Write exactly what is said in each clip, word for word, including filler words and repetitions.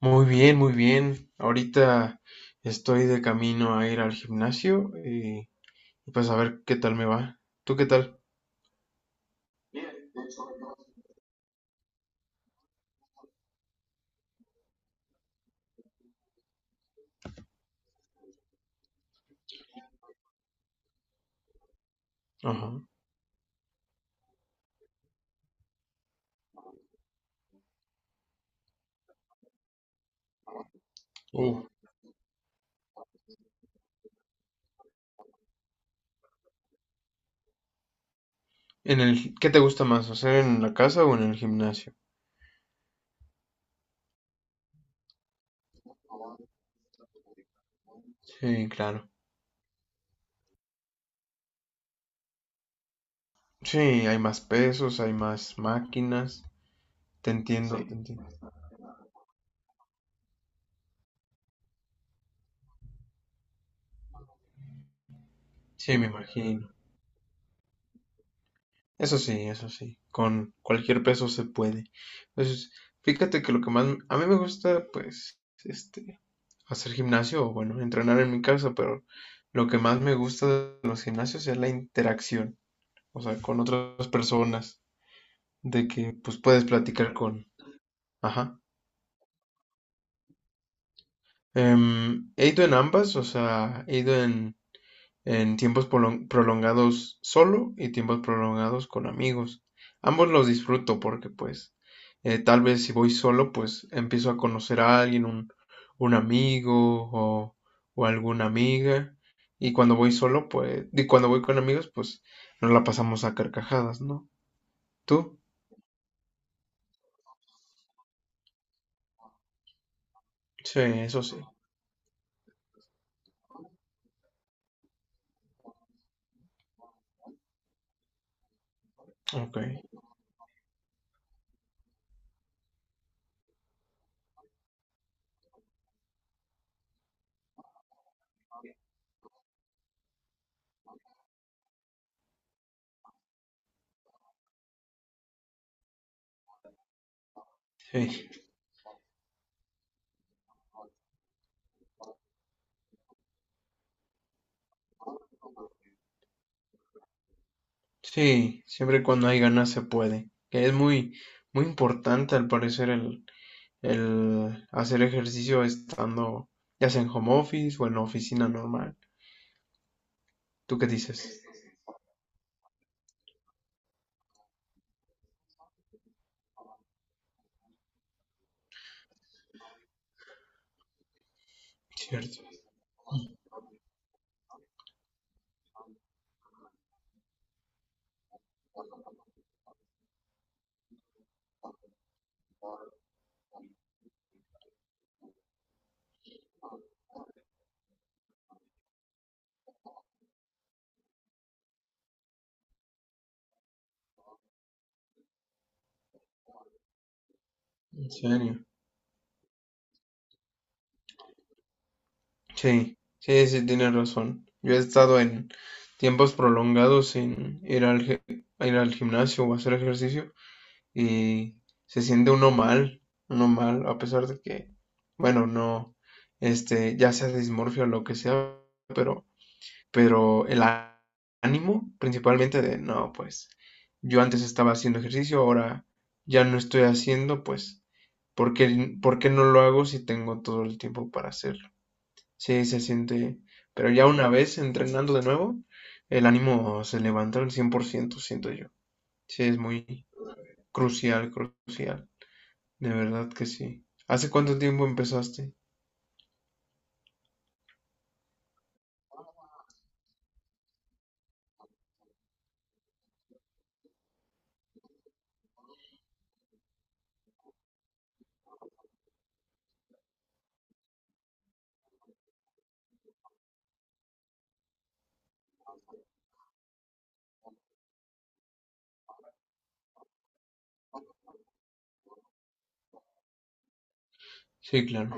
Muy bien, muy bien. Ahorita estoy de camino a ir al gimnasio y pues a ver qué tal me va. ¿Tú qué tal? Ajá. Uh, en el, ¿Qué te gusta más, hacer en la casa o en el gimnasio? Sí, claro. Sí, hay más pesos, hay más máquinas. Te entiendo, te entiendo. Sí, me imagino. Eso sí, eso sí. Con cualquier peso se puede. Entonces, fíjate que lo que más a mí me gusta, pues, este, hacer gimnasio o bueno, entrenar en mi casa, pero lo que más me gusta de los gimnasios es la interacción, o sea, con otras personas, de que pues puedes platicar con, ajá. Em, he ido en ambas, o sea, he ido en en tiempos prolongados solo y tiempos prolongados con amigos. Ambos los disfruto porque pues eh, tal vez si voy solo pues empiezo a conocer a alguien, un, un amigo o, o alguna amiga. Y cuando voy solo pues, y cuando voy con amigos pues nos la pasamos a carcajadas, ¿no? ¿Tú? Sí, eso sí. Ok, sí. Sí, siempre y cuando hay ganas se puede. Que es muy, muy importante al parecer el el hacer ejercicio estando ya sea en home office o en la oficina normal. ¿Tú qué dices? Cierto. ¿En serio? Sí, sí, sí, tienes razón. Yo he estado en tiempos prolongados sin ir al, ge- a ir al gimnasio o hacer ejercicio y se siente uno mal, uno mal, a pesar de que, bueno, no, este, ya sea dismorfia o lo que sea, pero pero el á- ánimo principalmente de, no, pues yo antes estaba haciendo ejercicio, ahora ya no estoy haciendo, pues, ¿por qué, por qué no lo hago si tengo todo el tiempo para hacerlo? Sí, se siente, pero ya una vez entrenando de nuevo, el ánimo se levanta al cien por ciento siento yo. Sí, es muy crucial, crucial, de verdad que sí. ¿Hace cuánto tiempo empezaste? Sí, claro.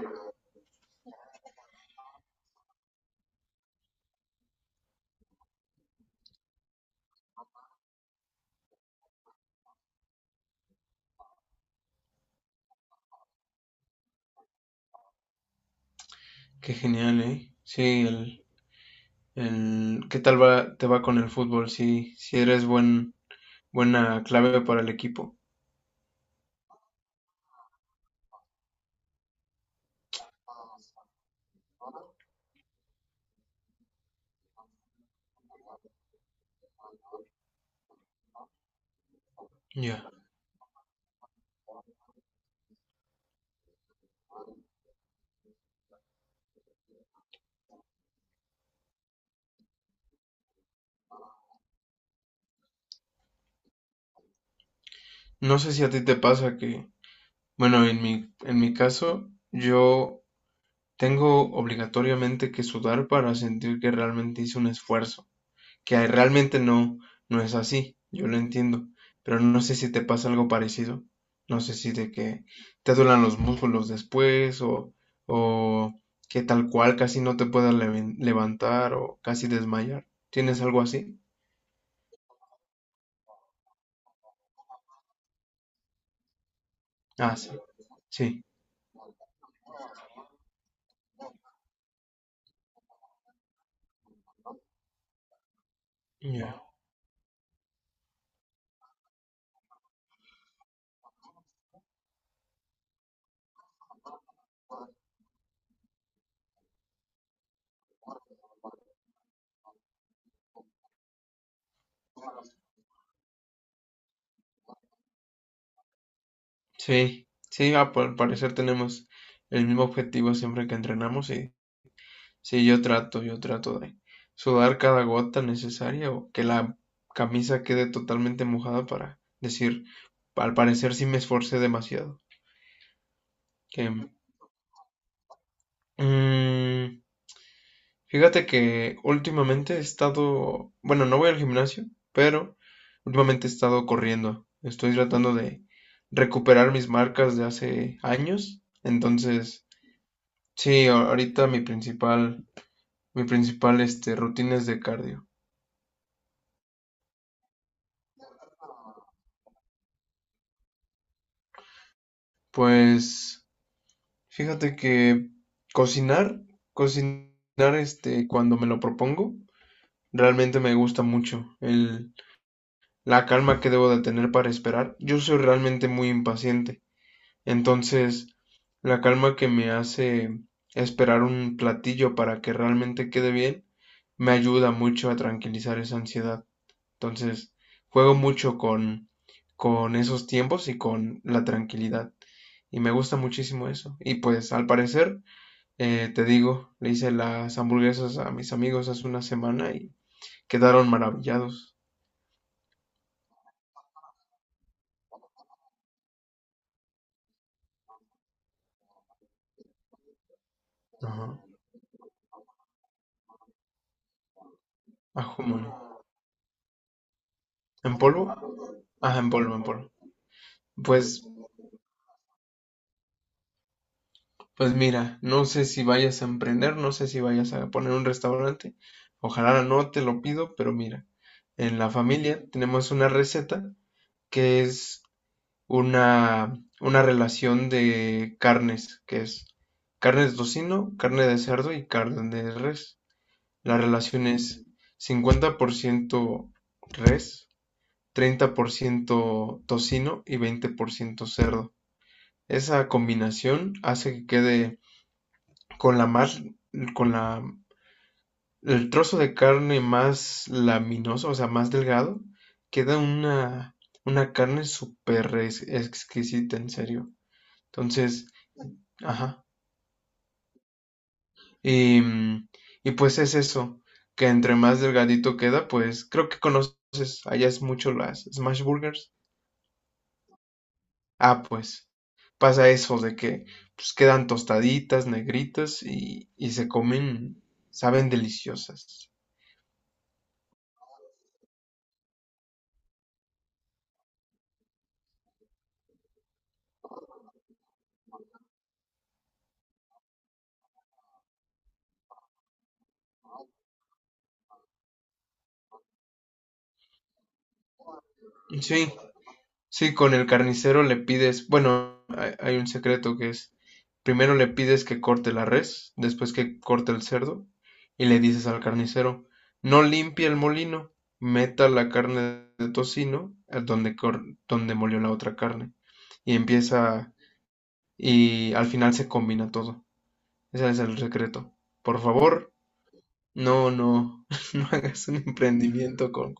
Qué genial, ¿eh? Sí, el, en qué tal va, te va con el fútbol, si, si eres buen, buena clave para el equipo. Ya. No sé si a ti te pasa que, bueno, en mi, en mi caso, yo tengo obligatoriamente que sudar para sentir que realmente hice un esfuerzo. Que realmente no, no es así, yo lo entiendo, pero no sé si te pasa algo parecido, no sé si de que te duelen los músculos después o, o que tal cual casi no te puedas leven- levantar o casi desmayar. ¿Tienes algo así? Ah, sí, sí, ya. Sí, sí, ah, por- al parecer tenemos el mismo objetivo siempre que entrenamos y sí, yo trato, yo trato de sudar cada gota necesaria o que la camisa quede totalmente mojada para decir, al parecer sí me esforcé demasiado. Que, mm, fíjate que últimamente he estado, bueno, no voy al gimnasio, pero últimamente he estado corriendo. Estoy tratando de recuperar mis marcas de hace años. Entonces, sí, a- ahorita mi principal, mi principal, este, rutina es de cardio. Pues fíjate que cocinar, cocinar este, cuando me lo propongo, realmente me gusta mucho el, la calma que debo de tener para esperar. Yo soy realmente muy impaciente, entonces la calma que me hace esperar un platillo para que realmente quede bien, me ayuda mucho a tranquilizar esa ansiedad. Entonces, juego mucho con, con esos tiempos y con la tranquilidad. Y me gusta muchísimo eso. Y pues al parecer... Eh, te digo, le hice las hamburguesas a mis amigos hace una semana y quedaron maravillados. Ajá. Ajo, mole. ¿En polvo? Ajá, en polvo, en polvo. Pues, pues mira, no sé si vayas a emprender, no sé si vayas a poner un restaurante. Ojalá no te lo pido, pero mira, en la familia tenemos una receta que es una, una relación de carnes, que es carne de tocino, carne de cerdo y carne de res. La relación es: cincuenta por ciento res, treinta por ciento tocino y veinte por ciento cerdo. Esa combinación hace que quede con la más, con la, el trozo de carne más laminoso, o sea, más delgado, queda una, una carne súper exquisita, en serio. Entonces, ajá. Y, mm, y pues es eso, que entre más delgadito queda, pues creo que conoces, allá es mucho las smash burgers. Ah, pues pasa eso de que pues quedan tostaditas, negritas y, y se comen, saben deliciosas. Sí, sí, con el carnicero le pides, bueno, hay, hay un secreto que es, primero le pides que corte la res, después que corte el cerdo, y le dices al carnicero, no limpie el molino, meta la carne de tocino a donde, cor- donde molió la otra carne, y empieza, y al final se combina todo. Ese es el secreto. Por favor, no, no, no hagas un emprendimiento con...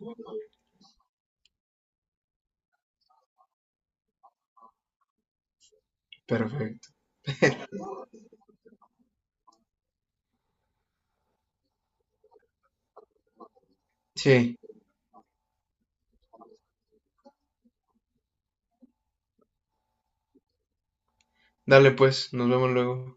Perfecto. Sí, dale pues, nos vemos luego.